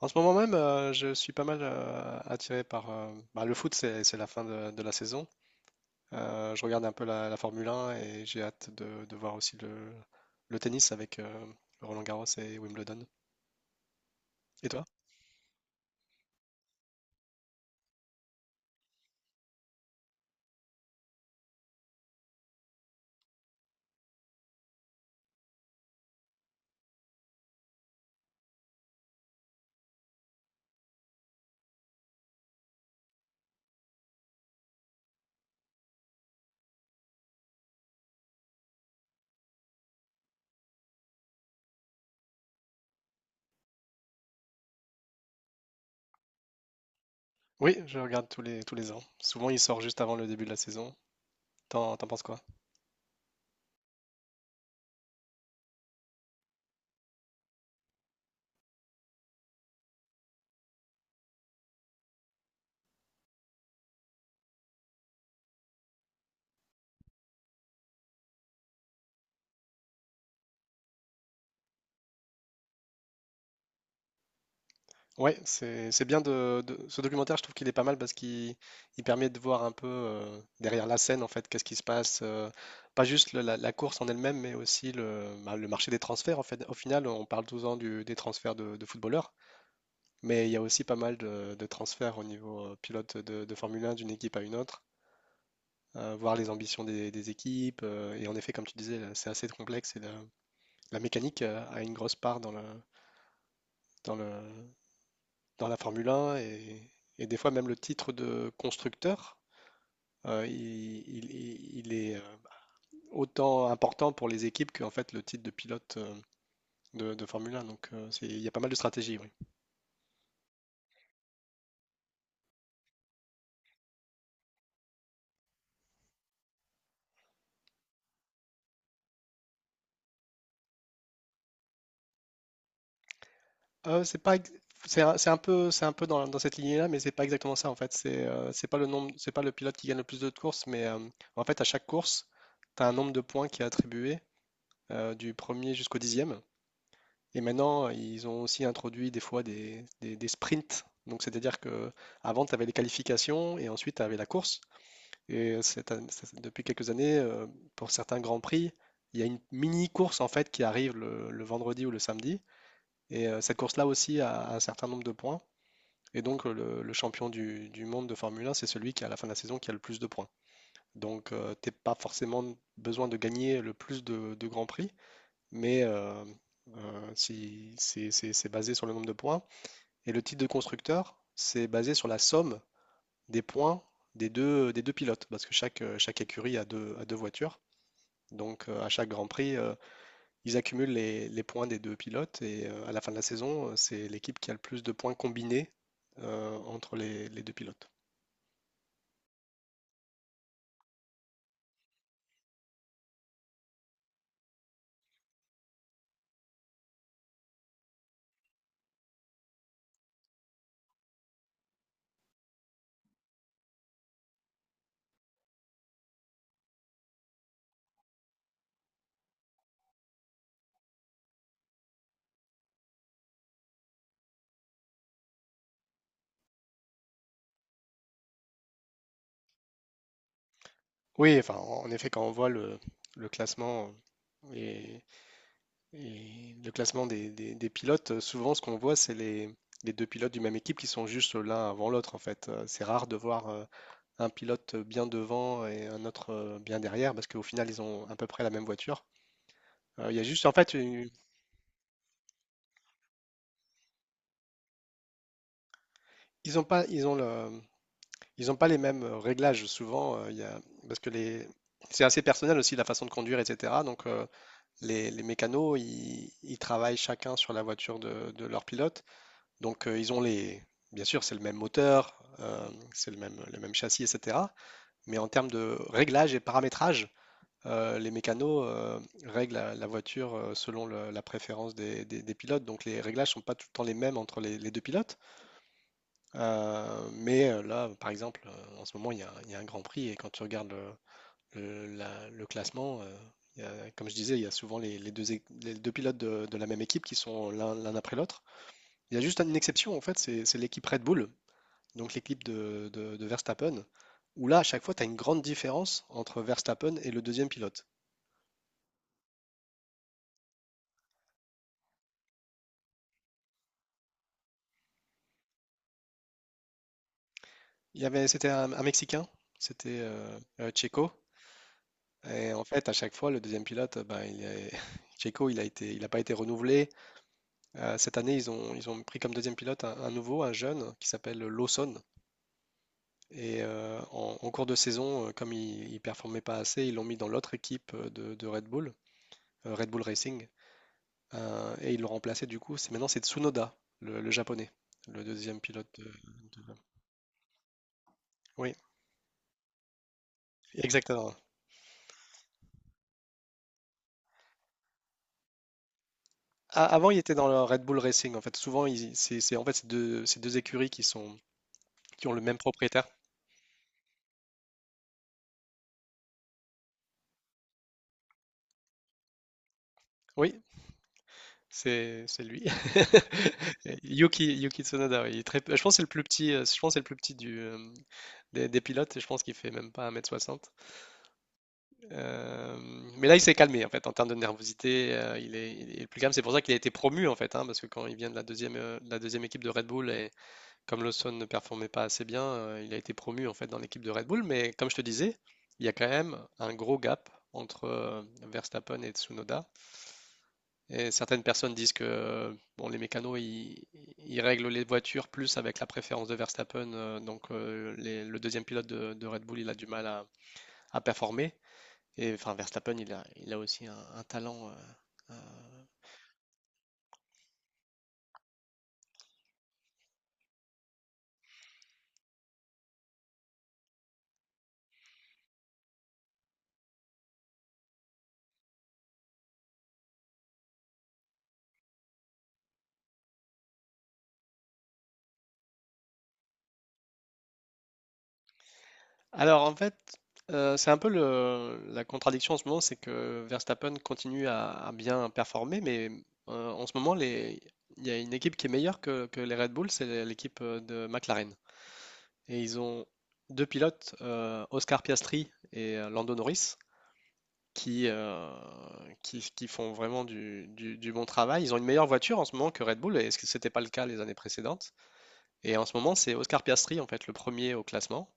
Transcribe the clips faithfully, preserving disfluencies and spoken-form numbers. En ce moment même, euh, je suis pas mal euh, attiré par euh, bah, le foot, c'est c'est la fin de, de la saison. Euh, je regarde un peu la, la Formule un et j'ai hâte de, de voir aussi le, le tennis avec euh, Roland-Garros et Wimbledon. Et toi? Oui, je regarde tous les, tous les ans. Souvent, il sort juste avant le début de la saison. T'en, t'en penses quoi? Ouais, c'est c'est bien de, de- ce documentaire, je trouve qu'il est pas mal parce qu'il il permet de voir un peu euh, derrière la scène en fait, qu'est-ce qui se passe, euh, pas juste le- la, la course en elle-même, mais aussi le, bah, le marché des transferts en fait. Au final, on parle tout le temps du- des transferts de, de footballeurs, mais il y a aussi pas mal de, de transferts au niveau euh, pilote de, de Formule un d'une équipe à une autre, euh, voir les ambitions des, des équipes, euh, et en effet, comme tu disais, là, c'est assez complexe et la, la mécanique euh, a une grosse part dans le dans le dans la Formule un, et, et des fois même le titre de constructeur, euh, il, il- il est euh, autant important pour les équipes qu'en fait le titre de pilote, euh, de, de Formule un. Donc euh, c'est- il y a pas mal de stratégies, oui. Euh, c'est pas, ex- c'est un, c'est un peu, c'est un peu dans, dans cette lignée-là, mais c'est pas exactement ça en fait. C'est euh, c'est pas le nombre, c'est pas le pilote qui gagne le plus de courses, mais euh, en fait à chaque course, tu as un nombre de points qui est attribué, euh, du premier jusqu'au dixième. Et maintenant, ils ont aussi introduit des fois des, des- des sprints. Donc, c'est-à-dire que avant, tu avais les qualifications et ensuite, tu avais la course. Et cette an- cette- depuis quelques années, euh, pour certains grands prix, il y a une mini course en fait qui arrive le, le vendredi ou le samedi. Et euh, cette course-là aussi a un certain nombre de points. Et donc, euh, le, le champion du, du monde de Formule un, c'est celui qui, à la fin de la saison, qui a le plus de points. Donc, tu t'es pas forcément besoin de gagner le plus de, de grands prix, mais euh, euh, si, c'est c'est- c'est basé sur le nombre de points. Et le titre de constructeur, c'est basé sur la somme des points des deux, des deux pilotes, parce que chaque, euh, chaque écurie a deux, a deux voitures. Donc euh, à chaque Grand Prix, euh, ils accumulent les, les points des deux pilotes, et euh, à la fin de la saison, euh, c'est l'équipe qui a le plus de points combinés euh, entre les, les deux pilotes. Oui, enfin, en effet, quand on voit le, le classement et Et le classement des, des- des pilotes, euh, souvent ce qu'on voit, c'est les, les deux pilotes du même équipe qui sont juste l'un avant l'autre, en fait. Euh, C'est rare de voir, euh, un pilote bien devant et un autre euh, bien derrière, parce qu'au final, ils ont à peu près la même voiture. Euh, Il y a juste, en fait, une- ils ont pas, ils ont le, ils ont pas les mêmes, euh, réglages souvent, euh, il y a- parce que les, c'est assez personnel aussi la façon de conduire, et cetera. Donc euh, les, les mécanos, ils, ils travaillent chacun sur la voiture de, de leur pilote. Donc euh, ils ont les, bien sûr, c'est le même moteur, euh, c'est le même, le même châssis, et cetera. Mais en termes de réglage et paramétrage, euh, les mécanos euh, règlent la, la voiture euh, selon le- la préférence des, des- des pilotes. Donc les réglages ne sont pas tout le temps les mêmes entre les, les deux pilotes. Euh, mais euh, là, par exemple, euh, en ce moment, il y a, il y a un Grand Prix et quand tu regardes le, le- la- le classement, euh, il y a- comme je disais, il y a souvent les, les deux, é- les deux pilotes de, de la même équipe qui sont l'un l'un après l'autre. Il y a juste une exception, en fait, c'est c'est l'équipe Red Bull, donc l'équipe de, de- de Verstappen, où là, à chaque fois, tu as une grande différence entre Verstappen et le deuxième pilote. Il y avait, c'était un, un Mexicain, c'était euh, euh, Checo, et en fait, à chaque fois, le deuxième pilote, ben, il est- Checo, il a été, il n'a pas été renouvelé. Euh, cette année, ils ont, ils ont pris comme deuxième pilote un, un nouveau, un jeune, qui s'appelle Lawson. Et euh, en, en cours de saison, euh, comme il ne performait pas assez, ils l'ont mis dans l'autre équipe, euh, de, de Red Bull, euh, Red Bull Racing. Heu et ils l'ont remplacé du coup, c'est maintenant c'est Tsunoda, le le japonais, le deuxième pilote de. Oui, exactement. A avant, il était dans le Red Bull Racing, en fait. Souvent, ils c'est c'est en fait, c'est deux c'est deux écuries qui sont qui ont le même propriétaire. Oui, c'est c'est lui. Yuki Yuki Tsunoda, oui, il est très, je pense que c'est le plus petit, heu, je pense que c'est le plus petit du, hem, des des pilotes, et je pense qu'il fait même pas un mètre soixante. Euh, mais là, il s'est calmé en fait en termes de nervosité. Euh, il est, il est plus calme. C'est pour ça qu'il a été promu en fait, hein, parce que quand il vient de la deuxième, euh, de la deuxième équipe de Red Bull, et comme Lawson ne performait pas assez bien, euh, il a été promu en fait dans l'équipe de Red Bull. Mais comme je te disais, il y a quand même un gros gap entre, euh, Verstappen et Tsunoda. Et certaines personnes disent que, euh, bon, les mécanos ils, ils règlent les voitures plus avec la préférence de Verstappen, euh, donc euh, les- le deuxième pilote de, de Red Bull il a du mal à à performer. Et enfin, Verstappen, il a, il a aussi un, un talent. euh, euh. Alors, en fait, euh, c'est un peu le, la contradiction en ce moment, c'est que Verstappen continue à, à bien performer, mais euh, en ce moment, les, il y a une équipe qui est meilleure que, que les Red Bull, c'est l'équipe euh, de McLaren. Et ils ont deux pilotes, euh, Oscar Piastri et euh, Lando Norris, qui, euh, qui, qui font vraiment du, du- du bon travail. Ils ont une meilleure voiture en ce moment que Red Bull, et ce n'était pas le cas les années précédentes. Et en ce moment, c'est Oscar Piastri, en fait, le premier au classement.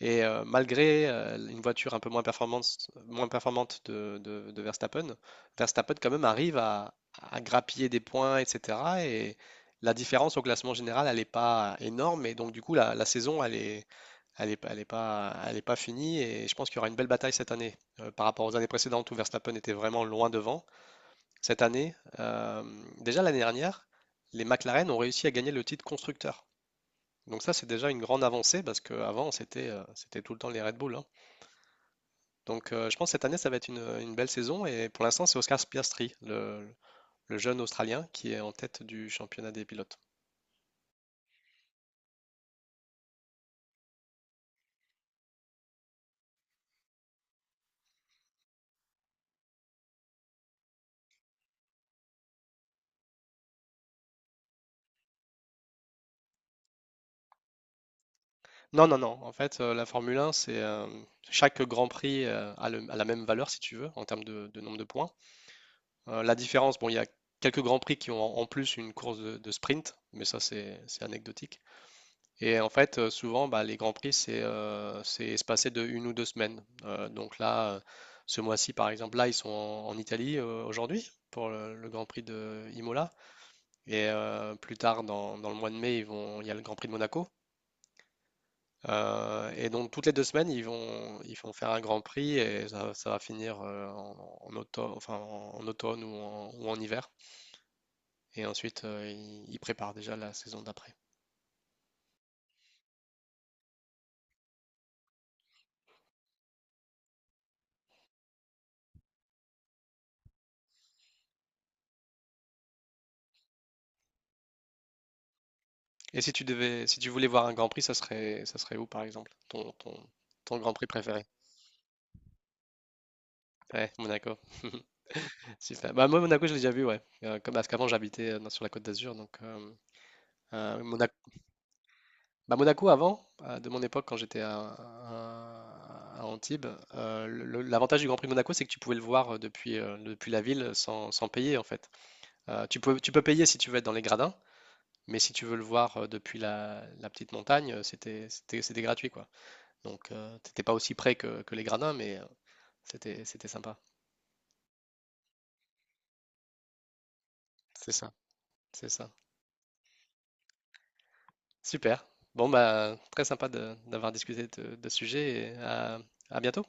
Et euh, malgré euh, une voiture un peu moins performante, moins performante de, de- de Verstappen, Verstappen quand même arrive à, à grappiller des points, et cetera. Et la différence au classement général, elle n'est pas énorme. Et donc, du coup, la, la saison, elle est, elle est, elle est pas, elle est pas finie. Et je pense qu'il y aura une belle bataille cette année, euh, par rapport aux années précédentes où Verstappen était vraiment loin devant. Cette année, euh, déjà l'année dernière, les McLaren ont réussi à gagner le titre constructeur. Donc ça, c'est déjà une grande avancée parce qu'avant, c'était euh, c'était tout le temps les Red Bull, hein. Donc euh, je pense que cette année, ça va être une, une belle saison, et pour l'instant, c'est Oscar Piastri, le, le jeune Australien, qui est en tête du championnat des pilotes. Non, non, non. En fait, euh, la Formule un, c'est euh, chaque Grand Prix euh, a, le- a la même valeur, si tu veux, en termes de, de nombre de points. Euh, la différence, bon, il y a quelques Grands Prix qui ont en en plus une course de, de sprint, mais ça, c'est c'est anecdotique. Et en fait, euh, souvent, bah, les grands prix, c'est euh, c'est espacé de une ou deux semaines. Euh, donc là, euh, ce mois-ci, par exemple, là, ils sont en, en Italie euh, aujourd'hui pour le, le Grand Prix de Imola. Et euh, plus tard, dans, dans le mois de mai, ils vont, il y a le Grand Prix de Monaco. Euh, et donc, toutes les deux semaines, ils vont, ils vont faire un Grand Prix, et ça, ça va finir euh, en, en auto- enfin, en, automne ou en, ou en hiver. Et ensuite, euh, ils ils préparent déjà la saison d'après. Et si tu devais, si tu voulais voir un Grand Prix, ça serait, ça serait où par exemple? Ton, ton, ton Grand Prix préféré? Ouais, Monaco. Super. Bah moi Monaco, je l'ai déjà vu, ouais. Euh, comme parce qu'avant j'habitais euh, dans- sur la Côte d'Azur, donc euh, euh, Monaco. Bah, Monaco avant, euh, de mon époque quand j'étais à, à- à Antibes, euh, le- le- l'avantage du Grand Prix de Monaco, c'est que tu pouvais le voir euh, depuis, euh, depuis la ville sans, sans payer en fait. Euh, tu peux, tu peux payer si tu veux être dans les gradins, mais si tu veux le voir euh, depuis la, la petite montagne, euh, c'était, c'était, c'était gratuit quoi. Donc, euh, t'étais pas aussi près que, que les Gradins, mais euh, c'était c'était sympa. C'est ça. C'est ça. Super. Bon, bah, très sympa de- d'avoir discuté de, de ce sujet, et à à bientôt.